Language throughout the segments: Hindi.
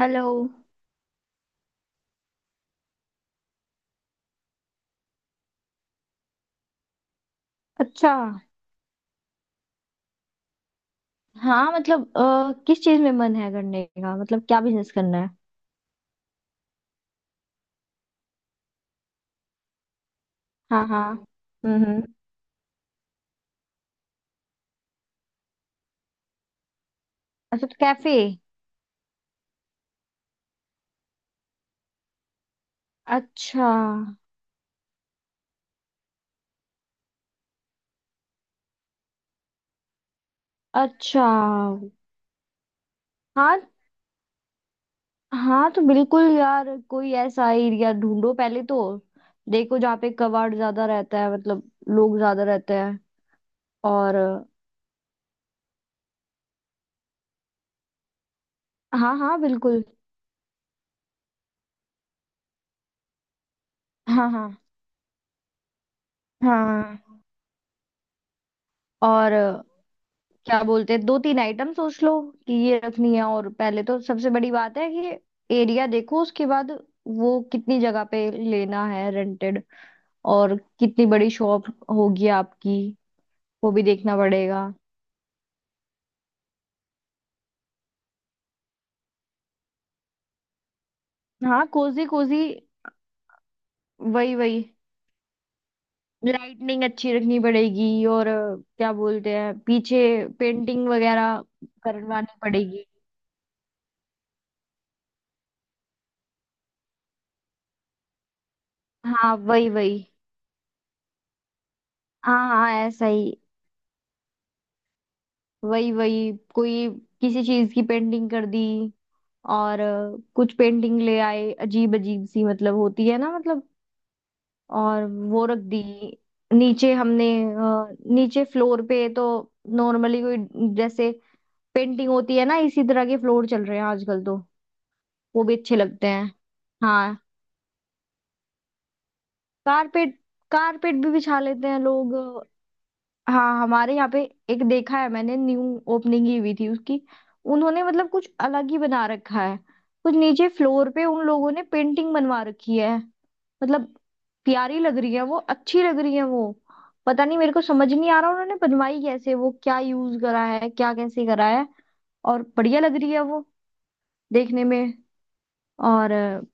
हेलो। अच्छा। हाँ, मतलब किस चीज में मन है करने का, मतलब क्या बिजनेस करना है। हाँ हाँ। हम्म। अच्छा, तो कैफे। अच्छा अच्छा। हाँ। हाँ तो बिल्कुल यार, कोई ऐसा एरिया ढूंढो पहले तो। देखो, जहाँ पे कबाड़ ज्यादा रहता है, मतलब लोग ज्यादा रहते हैं। और हाँ हाँ बिल्कुल। हाँ हाँ हाँ। और क्या बोलते हैं, दो तीन आइटम सोच लो कि ये रखनी है। और पहले तो सबसे बड़ी बात है कि एरिया देखो, उसके बाद वो कितनी जगह पे लेना है, रेंटेड, और कितनी बड़ी शॉप होगी आपकी। वो भी देखना पड़ेगा। हाँ, कोजी कोजी। वही वही। लाइटनिंग अच्छी रखनी पड़ेगी, और क्या बोलते हैं, पीछे पेंटिंग वगैरह करवानी पड़ेगी। हाँ वही वही। हाँ हाँ ऐसा ही। वही वही, कोई किसी चीज की पेंटिंग कर दी। और कुछ पेंटिंग ले आए अजीब अजीब सी, मतलब होती है ना, मतलब। और वो रख दी नीचे। हमने नीचे फ्लोर पे तो नॉर्मली कोई, जैसे पेंटिंग होती है ना, इसी तरह के फ्लोर चल रहे हैं आजकल तो। वो भी अच्छे लगते हैं। हाँ। कारपेट कारपेट भी बिछा लेते हैं लोग। हाँ, हमारे यहाँ पे एक देखा है मैंने। न्यू ओपनिंग ही हुई थी उसकी। उन्होंने मतलब कुछ अलग ही बना रखा है। कुछ नीचे फ्लोर पे उन लोगों ने पेंटिंग बनवा रखी है, मतलब प्यारी लग रही है वो, अच्छी लग रही है वो। पता नहीं, मेरे को समझ नहीं आ रहा उन्होंने बनवाई कैसे, वो क्या यूज करा है, क्या कैसे करा है, और बढ़िया लग रही है वो देखने में। और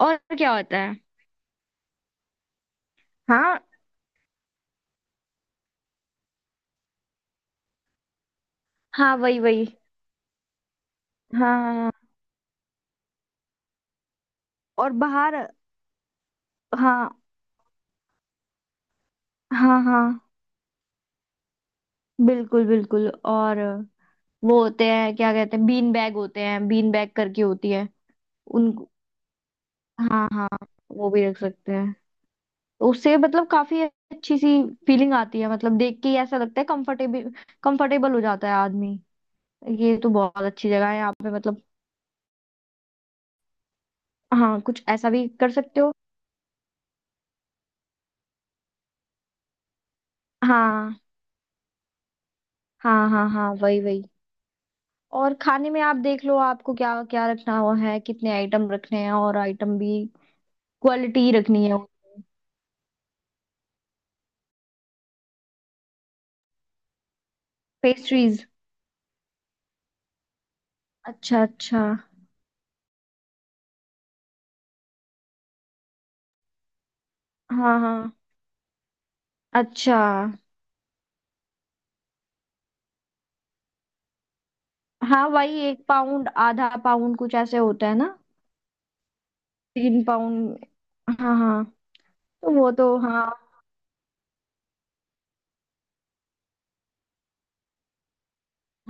और क्या होता है। हाँ हाँ वही वही। हाँ हाँ, हाँ। और बाहर। हाँ हाँ हाँ, बिल्कुल बिल्कुल। और वो होते हैं, क्या कहते हैं, बीन बैग होते हैं, बीन बैग करके होती है। उन। हाँ हाँ। वो भी रख सकते हैं। तो उससे मतलब काफी अच्छी सी फीलिंग आती है, मतलब देख के ही ऐसा लगता है कंफर्टेबल। कंफर्टेबल हो जाता है आदमी। ये तो बहुत अच्छी जगह है यहाँ पे, मतलब। हाँ, कुछ ऐसा भी कर सकते हो। हाँ हाँ हाँ। हाँ वही वही। और खाने में आप देख लो आपको क्या क्या रखना हुआ है, कितने आइटम रखने हैं, और आइटम भी क्वालिटी रखनी है। पेस्ट्रीज। अच्छा अच्छा। हाँ हाँ। अच्छा। हाँ वही, 1 पाउंड आधा पाउंड कुछ ऐसे होता है ना। 3 पाउंड। हाँ हाँ। तो वो तो, हाँ।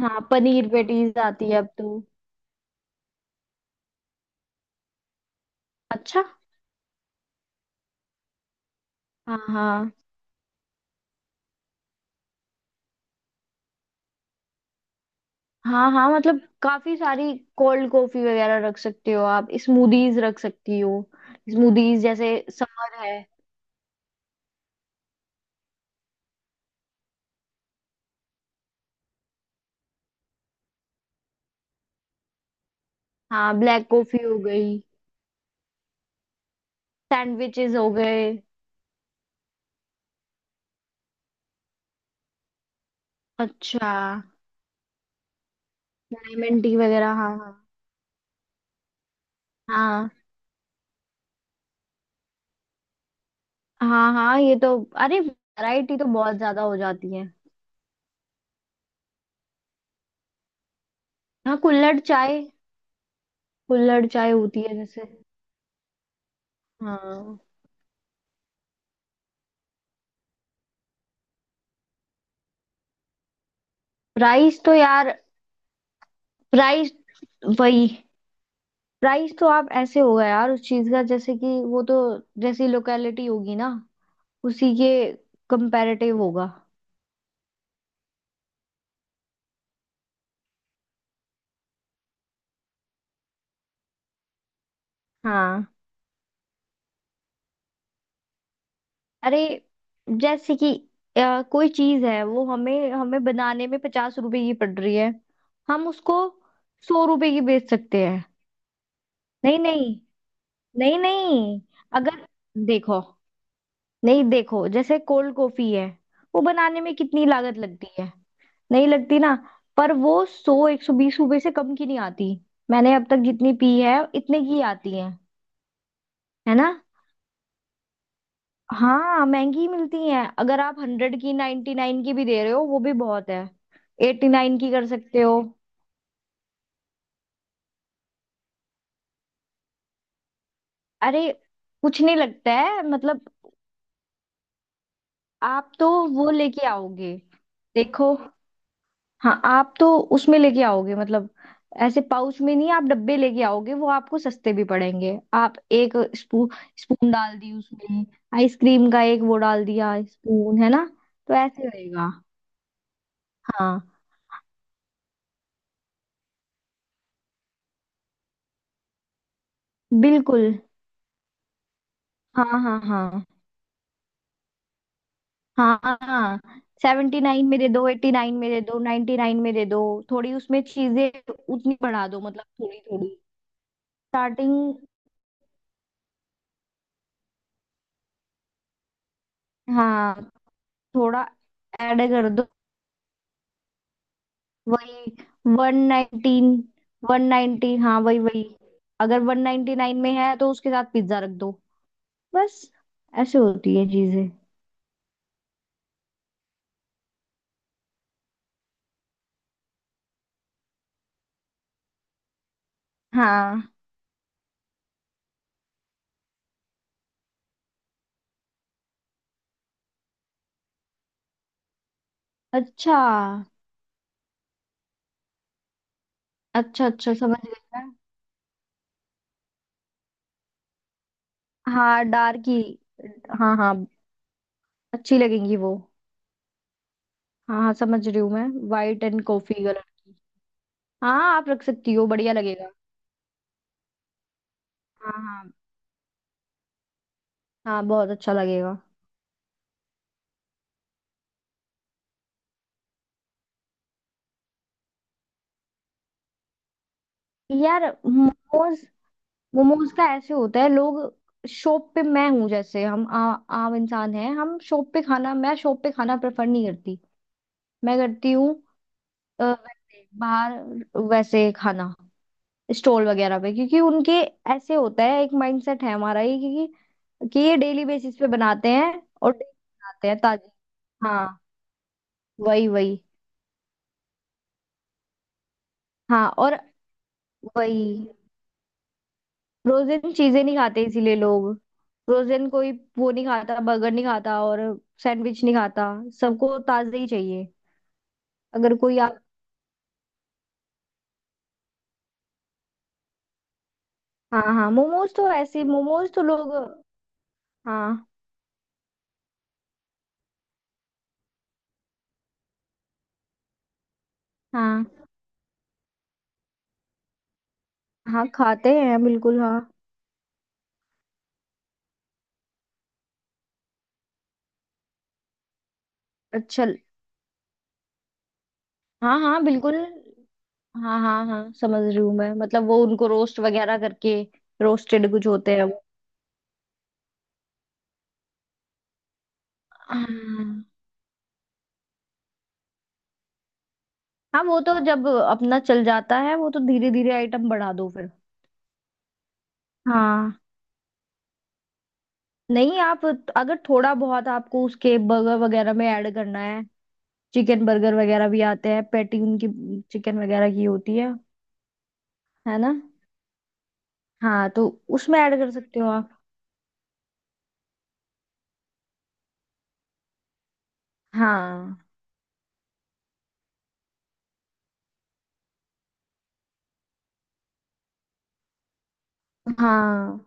हाँ, पनीर पेटीज आती है अब तो। अच्छा। हाँ हाँ। हाँ हाँ, मतलब काफी सारी कोल्ड कॉफी वगैरह रख सकते हो आप, स्मूदीज रख सकती हो। स्मूदीज जैसे, समर है। हाँ, ब्लैक कॉफी हो गई, सैंडविचेस हो गए। अच्छा। लेमन टी वगैरह हाँ हाँ। हाँ। हाँ हाँ ये तो। अरे वैरायटी तो बहुत ज्यादा हो जाती है। हाँ, कुल्हड़ चाय। कुल्हड़ चाय होती है जैसे। हाँ। प्राइस तो यार। प्राइस। वही। प्राइस तो आप ऐसे होगा यार उस चीज का, जैसे कि वो तो जैसी लोकेलिटी होगी ना उसी के कंपैरेटिव होगा। हाँ। अरे जैसे कि कोई चीज है वो हमें हमें बनाने में 50 रुपए की पड़ रही है। हम उसको 100 रुपए की बेच सकते हैं। नहीं नहीं। नहीं नहीं। अगर, देखो, नहीं देखो, जैसे कोल्ड कॉफी है वो बनाने में कितनी लागत लगती है, नहीं लगती ना। पर वो सौ, एक सौ बीस रुपए से कम की नहीं आती। मैंने अब तक जितनी पी है इतने की आती है। है ना। हाँ महंगी मिलती हैं। अगर आप 100 की, 99 की भी दे रहे हो वो भी बहुत है। 89 की कर सकते हो। अरे कुछ नहीं लगता है, मतलब। आप तो वो लेके आओगे, देखो। हाँ, आप तो उसमें लेके आओगे, मतलब ऐसे पाउच में नहीं, आप डब्बे लेके आओगे, वो आपको सस्ते भी पड़ेंगे। आप एक स्पून डाल दी उसमें, आइसक्रीम का एक वो डाल दिया स्पून, है ना। तो ऐसे रहेगा। हाँ बिल्कुल। हाँ हाँ हाँ। हाँ हाँ। 79 में दे दो, 89 में दे दो, 99 में दे दो। थोड़ी उसमें चीजें उतनी बढ़ा दो, मतलब थोड़ी थोड़ी। स्टार्टिंग। हाँ थोड़ा ऐड कर दो। वही 119, 190, हाँ वही वही। अगर 199 में है तो उसके साथ पिज्जा रख दो, बस। ऐसे होती है चीजें। हाँ। अच्छा अच्छा, अच्छा समझ गई मैं। हाँ डार्क ही। हाँ हाँ। अच्छी लगेंगी वो। हाँ हाँ समझ रही हूँ मैं, वाइट एंड कॉफी कलर की। हाँ आप रख सकती हो, बढ़िया लगेगा। हाँ हाँ हाँ। बहुत अच्छा लगेगा। यार मोमोज, मोमोज का ऐसे होता है लोग, शॉप पे। मैं हूँ जैसे, हम आम इंसान हैं, हम शॉप पे खाना, मैं शॉप पे खाना प्रेफर नहीं करती। मैं करती हूँ। वैसे, बाहर वैसे खाना स्टॉल वगैरह पे, क्योंकि उनके ऐसे होता है, एक माइंडसेट है हमारा ये, क्योंकि कि ये डेली बेसिस पे बनाते हैं और daily बनाते हैं ताजी। हाँ वही वही। हाँ और वही। फ्रोजन चीजें नहीं खाते इसीलिए लोग। फ्रोजन कोई वो नहीं खाता, बर्गर नहीं खाता और सैंडविच नहीं खाता। सबको ताजे ही चाहिए। अगर कोई आप। हाँ हाँ, मोमोज तो ऐसे मोमोज तो लोग। हाँ हाँ हाँ, खाते हैं बिल्कुल हाँ। अच्छा। हाँ हाँ बिल्कुल। हाँ हाँ हाँ समझ रही हूँ मैं, मतलब वो उनको रोस्ट वगैरह करके रोस्टेड कुछ होते हैं वो। हाँ हाँ। वो तो जब अपना चल जाता है वो तो धीरे धीरे आइटम बढ़ा दो फिर। हाँ। नहीं, आप अगर थोड़ा बहुत आपको उसके बर्गर वगैरह में ऐड करना है, चिकन बर्गर वगैरह भी आते हैं, पैटी उनकी चिकन वगैरह की होती है। है ना। हाँ तो उसमें ऐड कर सकते हो आप। हाँ हाँ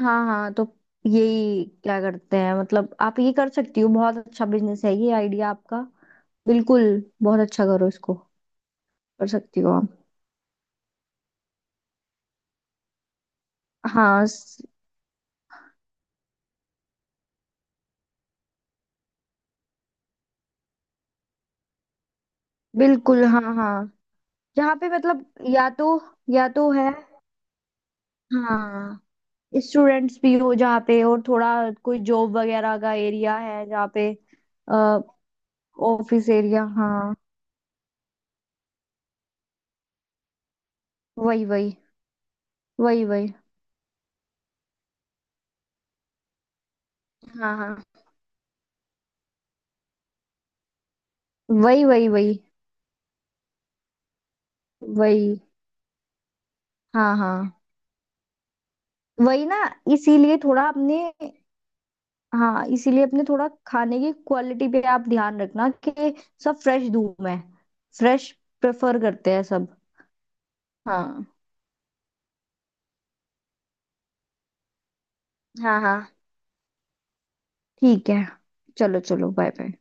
हाँ। हाँ तो यही क्या करते हैं, मतलब आप ये कर सकती हो, बहुत अच्छा बिजनेस है ये, आइडिया आपका बिल्कुल बहुत अच्छा, करो इसको। कर सकती हो आप। हाँ बिल्कुल। हाँ हाँ। यहाँ पे मतलब या तो, या तो है हाँ, स्टूडेंट्स भी हो जहाँ पे और थोड़ा कोई जॉब वगैरह का एरिया है जहाँ पे। ऑफिस एरिया हाँ। वही वही वही वही। हाँ हाँ। वही वही वही वही। हाँ हाँ वही ना। इसीलिए थोड़ा अपने। हाँ इसीलिए अपने थोड़ा खाने की क्वालिटी पे आप ध्यान रखना कि सब फ्रेश दूं मैं। फ्रेश प्रेफर करते हैं सब। हाँ हाँ। हाँ ठीक है। चलो चलो बाय बाय।